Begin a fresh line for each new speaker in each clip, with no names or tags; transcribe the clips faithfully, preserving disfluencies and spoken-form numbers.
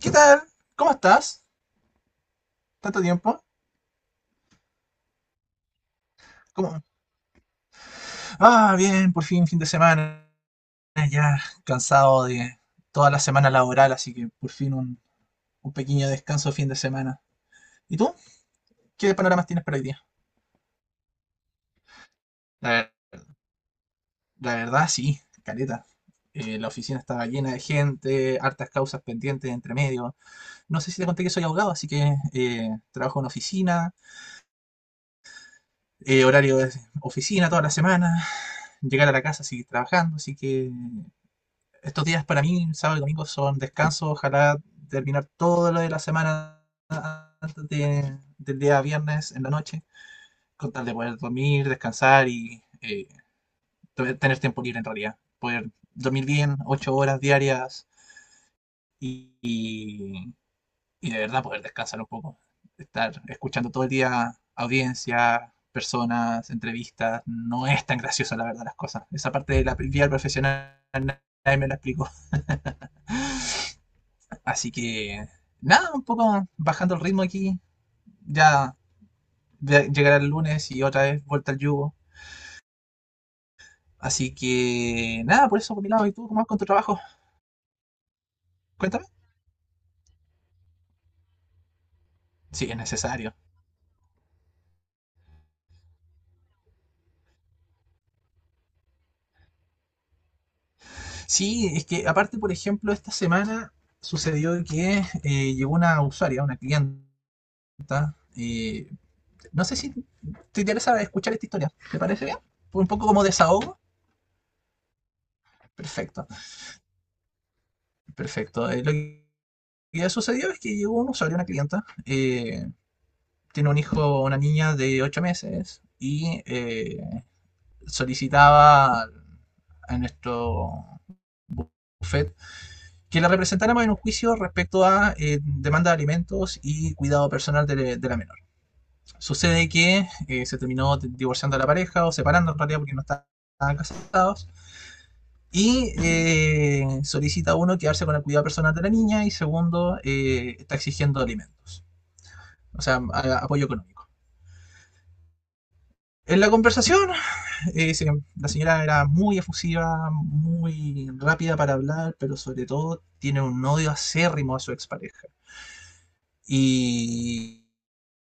¿Qué tal? ¿Cómo estás? ¿Tanto tiempo? ¿Cómo? Ah, bien, por fin, fin de semana. Ya cansado de toda la semana laboral, así que por fin un, un pequeño descanso de fin de semana. ¿Y tú? ¿Qué panoramas tienes para hoy día? La, ver- la verdad, sí, caleta. Eh, la oficina estaba llena de gente, hartas causas pendientes entre medio. No sé si te conté que soy abogado, así que eh, trabajo en oficina, eh, horario de oficina toda la semana, llegar a la casa, seguir trabajando, así que estos días para mí, sábado y domingo, son descanso. Ojalá terminar todo lo de la semana antes de- del día viernes en la noche, con tal de poder dormir, descansar y eh, to- tener tiempo libre en realidad. Poder dormir bien, ocho horas diarias y, y- y de verdad poder descansar un poco. Estar escuchando todo el día audiencia, personas, entrevistas, no es tan gracioso la verdad las cosas. Esa parte de la vida profesional nadie me la explicó. Así que, nada, un poco bajando el ritmo aquí. Ya ve- Llegará el lunes y otra vez vuelta al yugo. Así que, nada, por eso por mi lado. ¿Y tú cómo vas con tu trabajo? Cuéntame. Sí, es necesario. Sí, es que aparte, por ejemplo, esta semana sucedió que eh, llegó una usuaria, una cliente. eh, no sé si te interesa escuchar esta historia. ¿Te parece bien? ¿Fue un poco como desahogo? Perfecto, perfecto. Eh, lo que sucedió es que llegó un usuario, una clienta, eh, tiene un hijo, una niña de ocho meses y eh, solicitaba a nuestro buffet que la representáramos en un juicio respecto a eh, demanda de alimentos y cuidado personal de, de la menor. Sucede que eh, se terminó divorciando a la pareja o separando en realidad porque no estaban casados. Y eh, solicita uno quedarse con el cuidado personal de la niña y segundo, eh, está exigiendo alimentos, o sea, a- apoyo económico. En la conversación Eh, sí, la señora era muy efusiva, muy rápida para hablar, pero sobre todo tiene un odio acérrimo a su expareja. Y,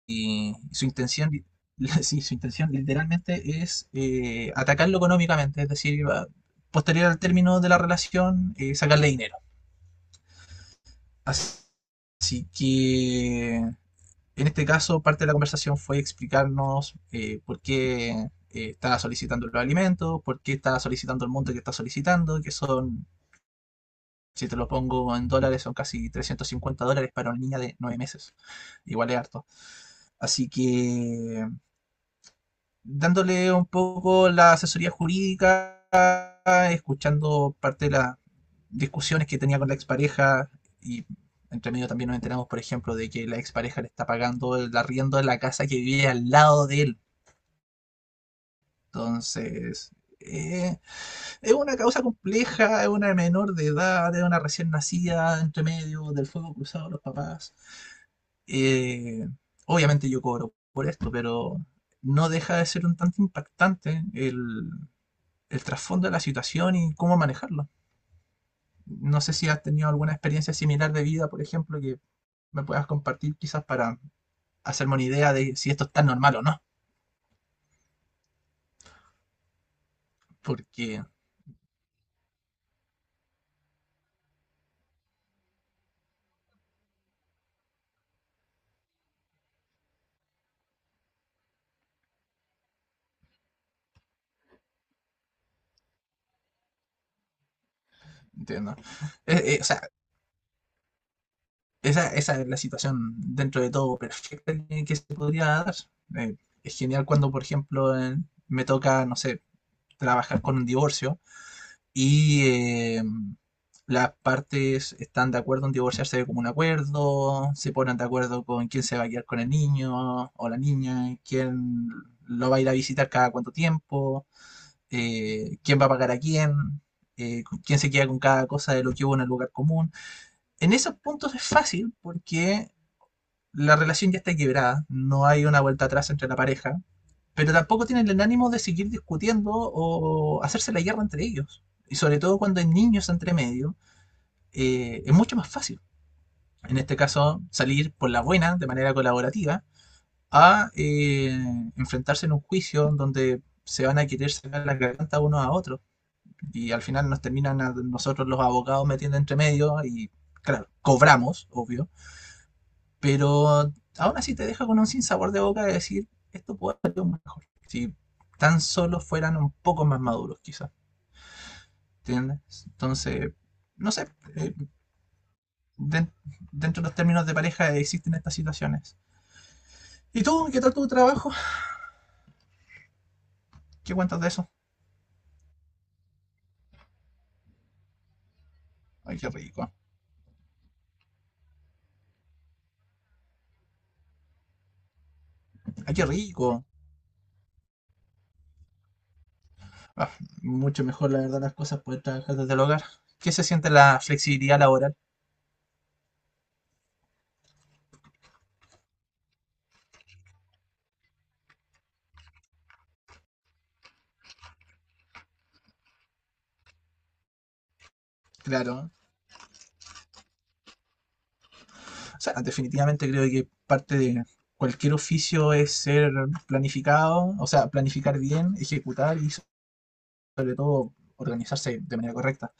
y su intención, sí, su intención literalmente es eh, atacarlo económicamente, es decir, va- posterior al término de la relación, eh, sacarle dinero. Así que en este caso, parte de la conversación fue explicarnos eh, por qué eh, estaba solicitando los alimentos, por qué estaba solicitando el monto que está solicitando, que son, si te lo pongo en dólares, son casi trescientos cincuenta dólares para una niña de nueve meses. Igual es harto. Así que dándole un poco la asesoría jurídica, escuchando parte de las discusiones que tenía con la expareja y entre medio también nos enteramos, por ejemplo, de que la expareja le está pagando el arriendo de la casa que vive al lado de él. Entonces, eh, es una causa compleja, es una menor de edad, es una recién nacida, entre medio del fuego cruzado de los papás. Eh, obviamente yo cobro por esto, pero no deja de ser un tanto impactante el, el trasfondo de la situación y cómo manejarlo. No sé si has tenido alguna experiencia similar de vida, por ejemplo, que me puedas compartir quizás para hacerme una idea de si esto es tan normal o no, porque entiendo. Eh, eh, o sea, esa, esa es la situación dentro de todo perfecta que, que se podría dar. Eh, es genial cuando, por ejemplo, en- me toca, no sé, trabajar con un divorcio y eh, las partes están de acuerdo en divorciarse como un acuerdo, se ponen de acuerdo con quién se va a quedar con el niño o la niña, quién lo va a ir a visitar cada cuánto tiempo, eh, quién va a pagar a quién, eh, quién se queda con cada cosa de lo que hubo en el lugar común. En esos puntos es fácil porque la relación ya está quebrada, no hay una vuelta atrás entre la pareja, pero tampoco tienen el ánimo de seguir discutiendo o hacerse la guerra entre ellos. Y sobre todo cuando hay niños entre medio, eh, es mucho más fácil, en este caso, salir por la buena, de manera colaborativa, a eh, enfrentarse en un juicio donde se van a querer sacar la garganta uno a otro. Y al final nos terminan a nosotros los abogados metiendo entre medio y, claro, cobramos, obvio, pero aún así te deja con un sinsabor de boca de decir, esto puede haber sido mejor. Si tan solo fueran un poco más maduros, quizás. ¿Entiendes? Entonces, no sé, eh, den- dentro de los términos de pareja existen estas situaciones. ¿Y tú? ¿Qué tal tu trabajo? ¿Qué cuentas de eso? Ay, qué rico. Ay, qué rico. Ah, mucho mejor, la verdad, las cosas poder trabajar desde el hogar. ¿Qué se siente la flexibilidad laboral? Claro, o sea, definitivamente creo que parte de cualquier oficio es ser planificado, o sea, planificar bien, ejecutar y sobre todo organizarse de manera correcta.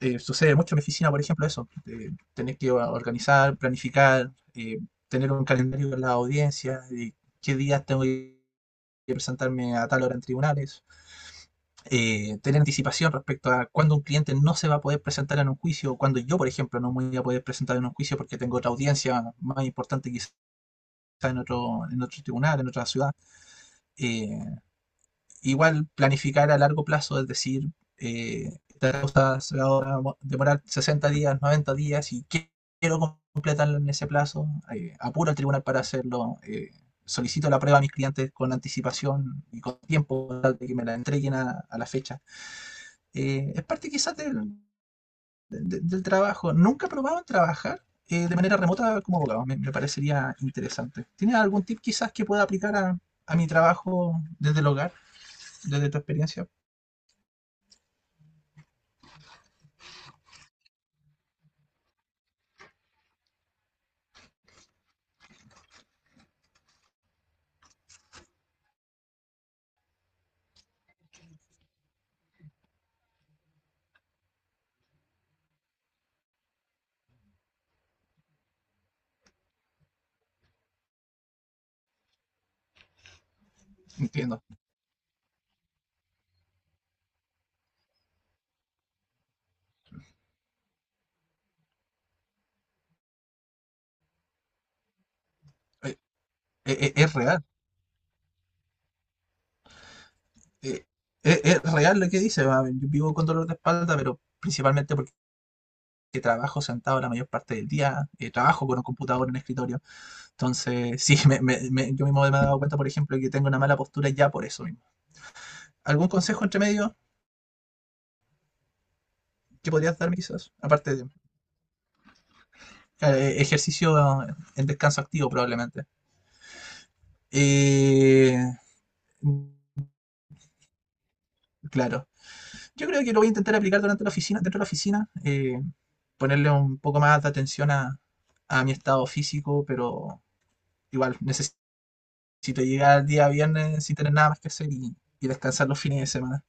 Eh, sucede mucho en mi oficina, por ejemplo, eso, de tener que organizar, planificar, eh, tener un calendario con la audiencia, de qué días tengo que presentarme a tal hora en tribunales, eh, tener anticipación respecto a cuándo un cliente no se va a poder presentar en un juicio, o cuando yo, por ejemplo, no me voy a poder presentar en un juicio porque tengo otra audiencia más importante quizás en otro, en otro tribunal, en otra ciudad. Eh, igual planificar a largo plazo, es decir, eh, esta cosa se va a demorar sesenta días, noventa días, y quiero completarlo en ese plazo, eh, apuro al tribunal para hacerlo, eh, solicito la prueba a mis clientes con anticipación y con tiempo tal de que me la entreguen a, a la fecha. Eh, es parte quizás del, de- del trabajo. Nunca he probado en trabajar eh, de manera remota como abogado. Me, me parecería interesante. ¿Tienes algún tip quizás que pueda aplicar a, a mi trabajo desde el hogar, desde tu experiencia? Entiendo. Eh, eh, eh, es real. Eh, eh, es real lo que dice. va, Yo vivo con dolor de espalda, pero principalmente porque trabajo sentado la mayor parte del día. eh, trabajo con un computador en el escritorio. Entonces, sí, me- me- me- yo mismo me he dado cuenta, por ejemplo, que tengo una mala postura ya por eso mismo. ¿Algún consejo entre medio que podrías darme quizás? Aparte de claro, eh, ejercicio en descanso activo probablemente. Eh, claro. Yo creo que lo voy a intentar aplicar durante la oficina, dentro de la oficina, eh, ponerle un poco más de atención a, a mi estado físico, pero igual necesito llegar al día viernes sin tener nada más que hacer y, y descansar los fines de semana.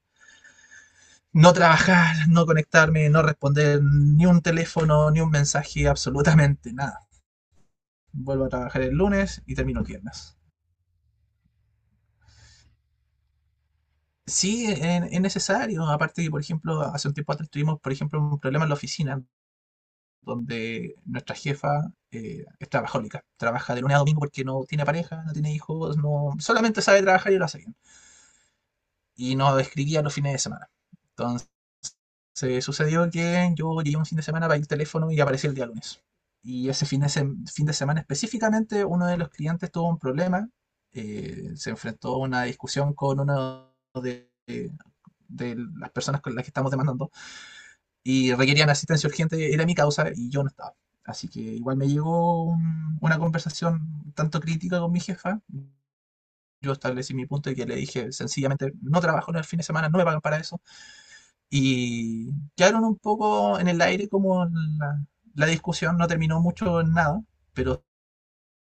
No trabajar, no conectarme, no responder ni un teléfono, ni un mensaje, absolutamente nada. Vuelvo a trabajar el lunes y termino el viernes. Sí, es, es necesario. Aparte que, por ejemplo, hace un tiempo atrás tuvimos, por ejemplo, un problema en la oficina donde nuestra jefa eh, es trabajólica. Trabaja de lunes a domingo porque no tiene pareja, no tiene hijos, no solamente sabe trabajar y lo hace bien. Y nos escribía los fines de semana. Se sucedió que yo llegué un fin de semana para el teléfono y apareció el día lunes. Y ese fin de, sem- fin de semana específicamente, uno de los clientes tuvo un problema. eh, se enfrentó a una discusión con uno de, de las personas con las que estamos demandando y requerían asistencia urgente. Era mi causa y yo no estaba. Así que igual me llegó un- una conversación tanto crítica con mi jefa. Yo establecí mi punto y que le dije sencillamente, no trabajo en el fin de semana, no me pagan para eso y quedaron un poco en el aire como la, la discusión no terminó mucho en nada, pero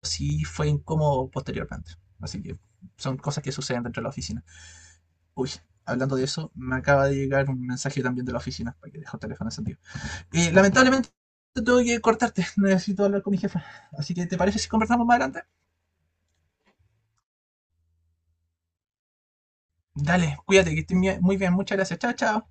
sí fue incómodo posteriormente. Así que son cosas que suceden dentro de la oficina. Uy, hablando de eso, me acaba de llegar un mensaje también de la oficina, para que dejo el teléfono encendido. Eh, lamentablemente tengo que cortarte, necesito hablar con mi jefa. Así que, ¿te parece si conversamos más adelante? Dale, cuídate, que estés muy bien, muchas gracias. Chao, chao.